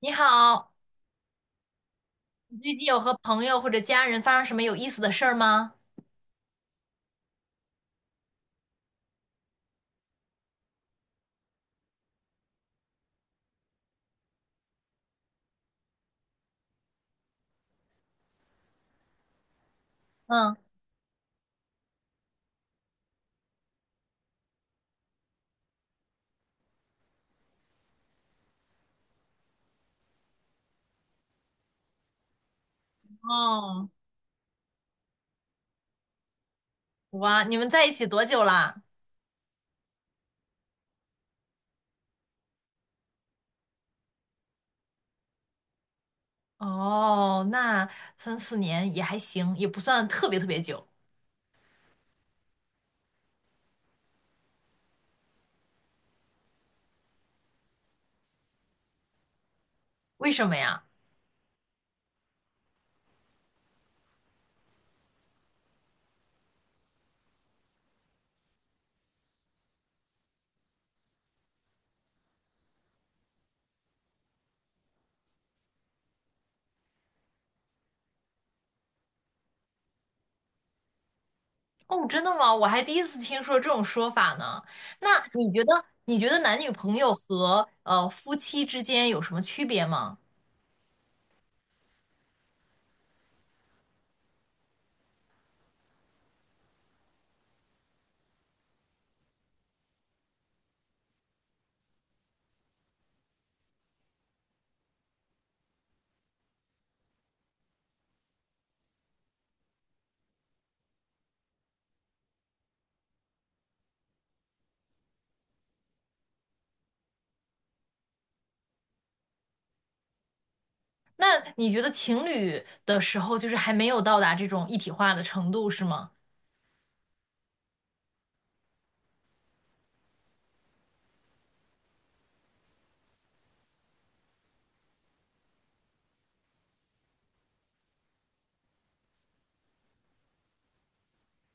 你好，你最近有和朋友或者家人发生什么有意思的事儿吗？嗯，哦，哇，你们在一起多久啦？哦，那三四年也还行，也不算特别特别久。为什么呀？哦，真的吗？我还第一次听说这种说法呢。那你觉得男女朋友和夫妻之间有什么区别吗？那你觉得情侣的时候，就是还没有到达这种一体化的程度，是吗？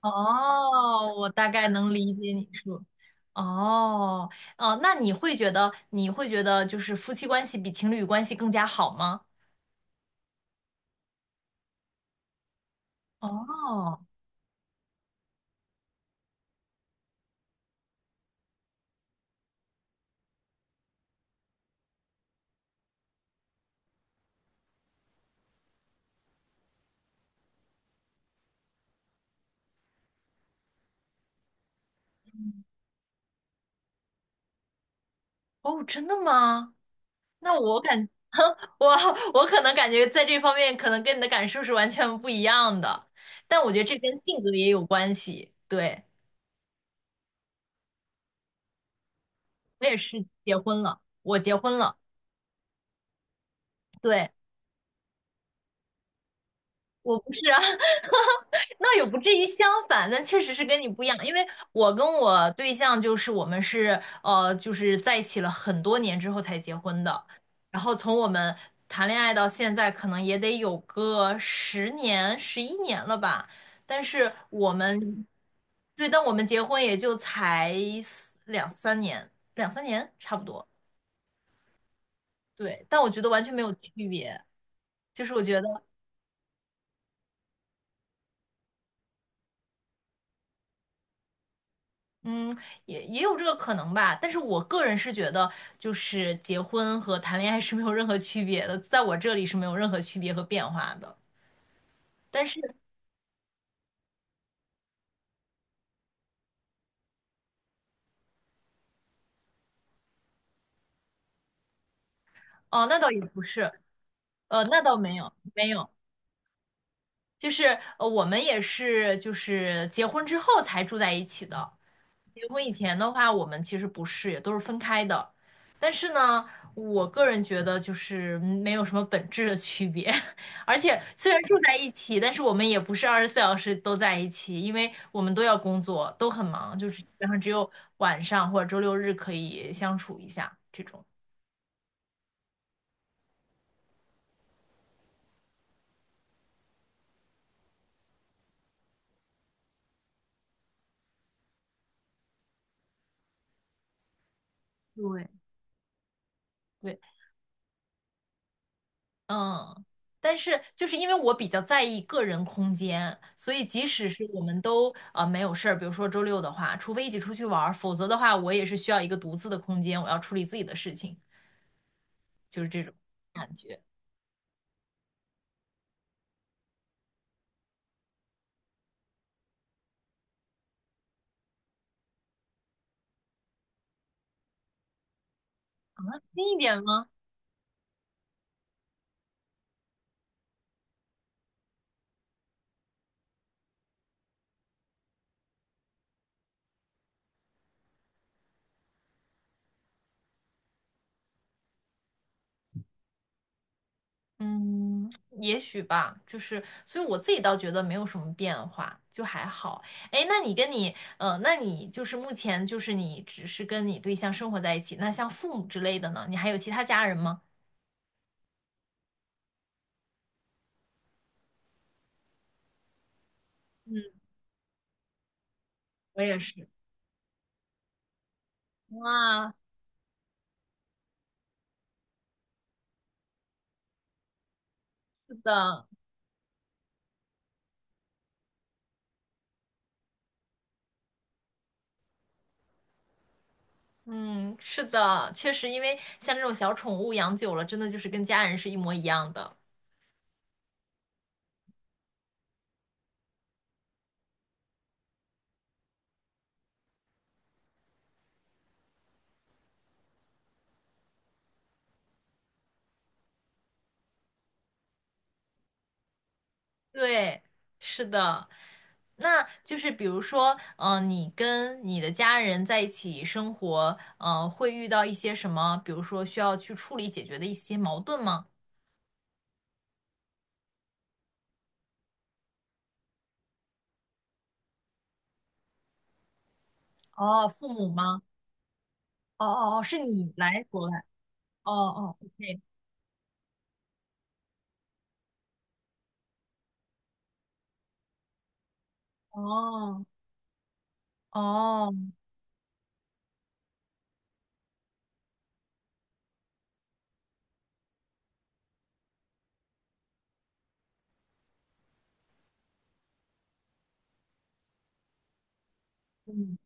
哦，我大概能理解你说。哦，哦，那你会觉得就是夫妻关系比情侣关系更加好吗？哦，哦，真的吗？那我感，我 我可能感觉在这方面可能跟你的感受是完全不一样的，但我觉得这跟性格也有关系。对，我也是结婚了，我结婚了，对。我不是啊，那也不至于相反，但确实是跟你不一样，因为我跟我对象就是我们是呃，就是在一起了很多年之后才结婚的，然后从我们谈恋爱到现在，可能也得有个10年、11年了吧，但是我们对，但我们结婚也就才两三年，两三年差不多，对，但我觉得完全没有区别，就是我觉得。嗯，也有这个可能吧，但是我个人是觉得，就是结婚和谈恋爱是没有任何区别的，在我这里是没有任何区别和变化的。但是，哦，那倒也不是，那倒没有，没有，我们也是就是结婚之后才住在一起的，结婚以前的话，我们其实不是，也都是分开的。但是呢，我个人觉得就是没有什么本质的区别。而且虽然住在一起，但是我们也不是24小时都在一起，因为我们都要工作，都很忙，就是基本上只有晚上或者周六日可以相处一下这种。对，对，嗯，但是就是因为我比较在意个人空间，所以即使是我们都没有事儿，比如说周六的话，除非一起出去玩儿，否则的话，我也是需要一个独自的空间，我要处理自己的事情，就是这种感觉。近一点吗？嗯，也许吧，就是，所以我自己倒觉得没有什么变化，就还好。哎，那你就是目前就是你只是跟你对象生活在一起，那像父母之类的呢？你还有其他家人吗？嗯，我也是。哇，的，嗯，是的，确实，因为像这种小宠物养久了，真的就是跟家人是一模一样的。对，是的。那就是比如说，你跟你的家人在一起生活，会遇到一些什么，比如说需要去处理解决的一些矛盾吗？哦，父母吗？哦哦哦，是你来国外？哦哦，OK，哦哦，嗯，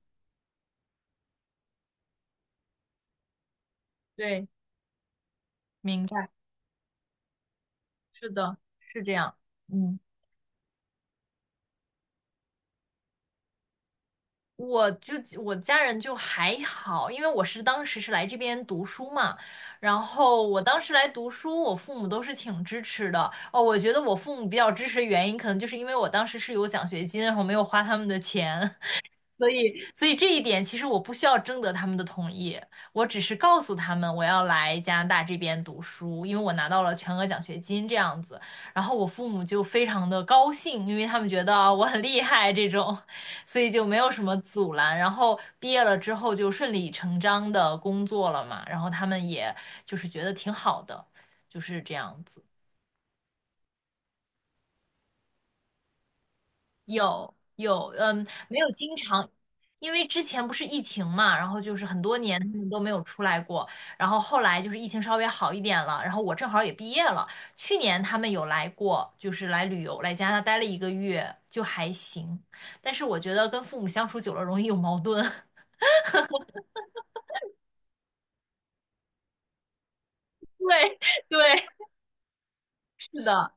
对，明白，是的，是这样，嗯。我就我家人就还好，因为我是当时是来这边读书嘛，然后我当时来读书，我父母都是挺支持的。哦，我觉得我父母比较支持的原因，可能就是因为我当时是有奖学金，然后没有花他们的钱。所以这一点其实我不需要征得他们的同意，我只是告诉他们我要来加拿大这边读书，因为我拿到了全额奖学金这样子。然后我父母就非常的高兴，因为他们觉得啊我很厉害这种，所以就没有什么阻拦。然后毕业了之后就顺理成章的工作了嘛，然后他们也就是觉得挺好的，就是这样子。有有，嗯，没有经常，因为之前不是疫情嘛，然后就是很多年他们都没有出来过，然后后来就是疫情稍微好一点了，然后我正好也毕业了，去年他们有来过，就是来旅游，来加拿大待了1个月，就还行，但是我觉得跟父母相处久了容易有矛盾。对对，是的。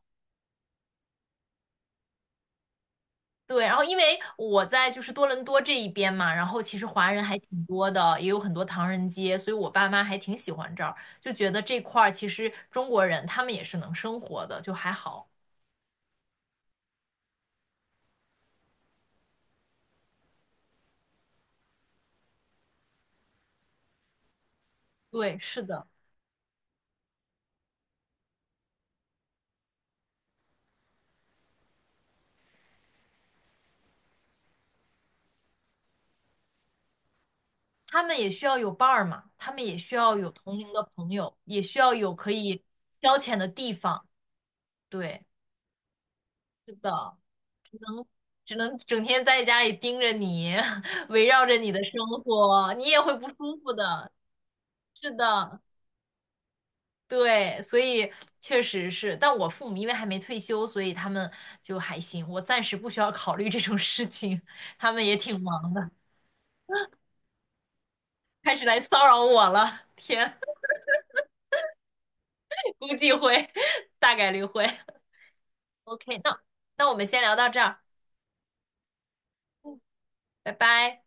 对，然后因为我在就是多伦多这一边嘛，然后其实华人还挺多的，也有很多唐人街，所以我爸妈还挺喜欢这儿，就觉得这块儿其实中国人他们也是能生活的，就还好。对，是的，他们也需要有伴儿嘛，他们也需要有同龄的朋友，也需要有可以消遣的地方。对，是的，只能整天在家里盯着你，围绕着你的生活，你也会不舒服的。是的。对，所以确实是，但我父母因为还没退休，所以他们就还行，我暂时不需要考虑这种事情，他们也挺忙的，开始来骚扰我了，天，估计会，大概率会。OK，那我们先聊到这儿，拜拜。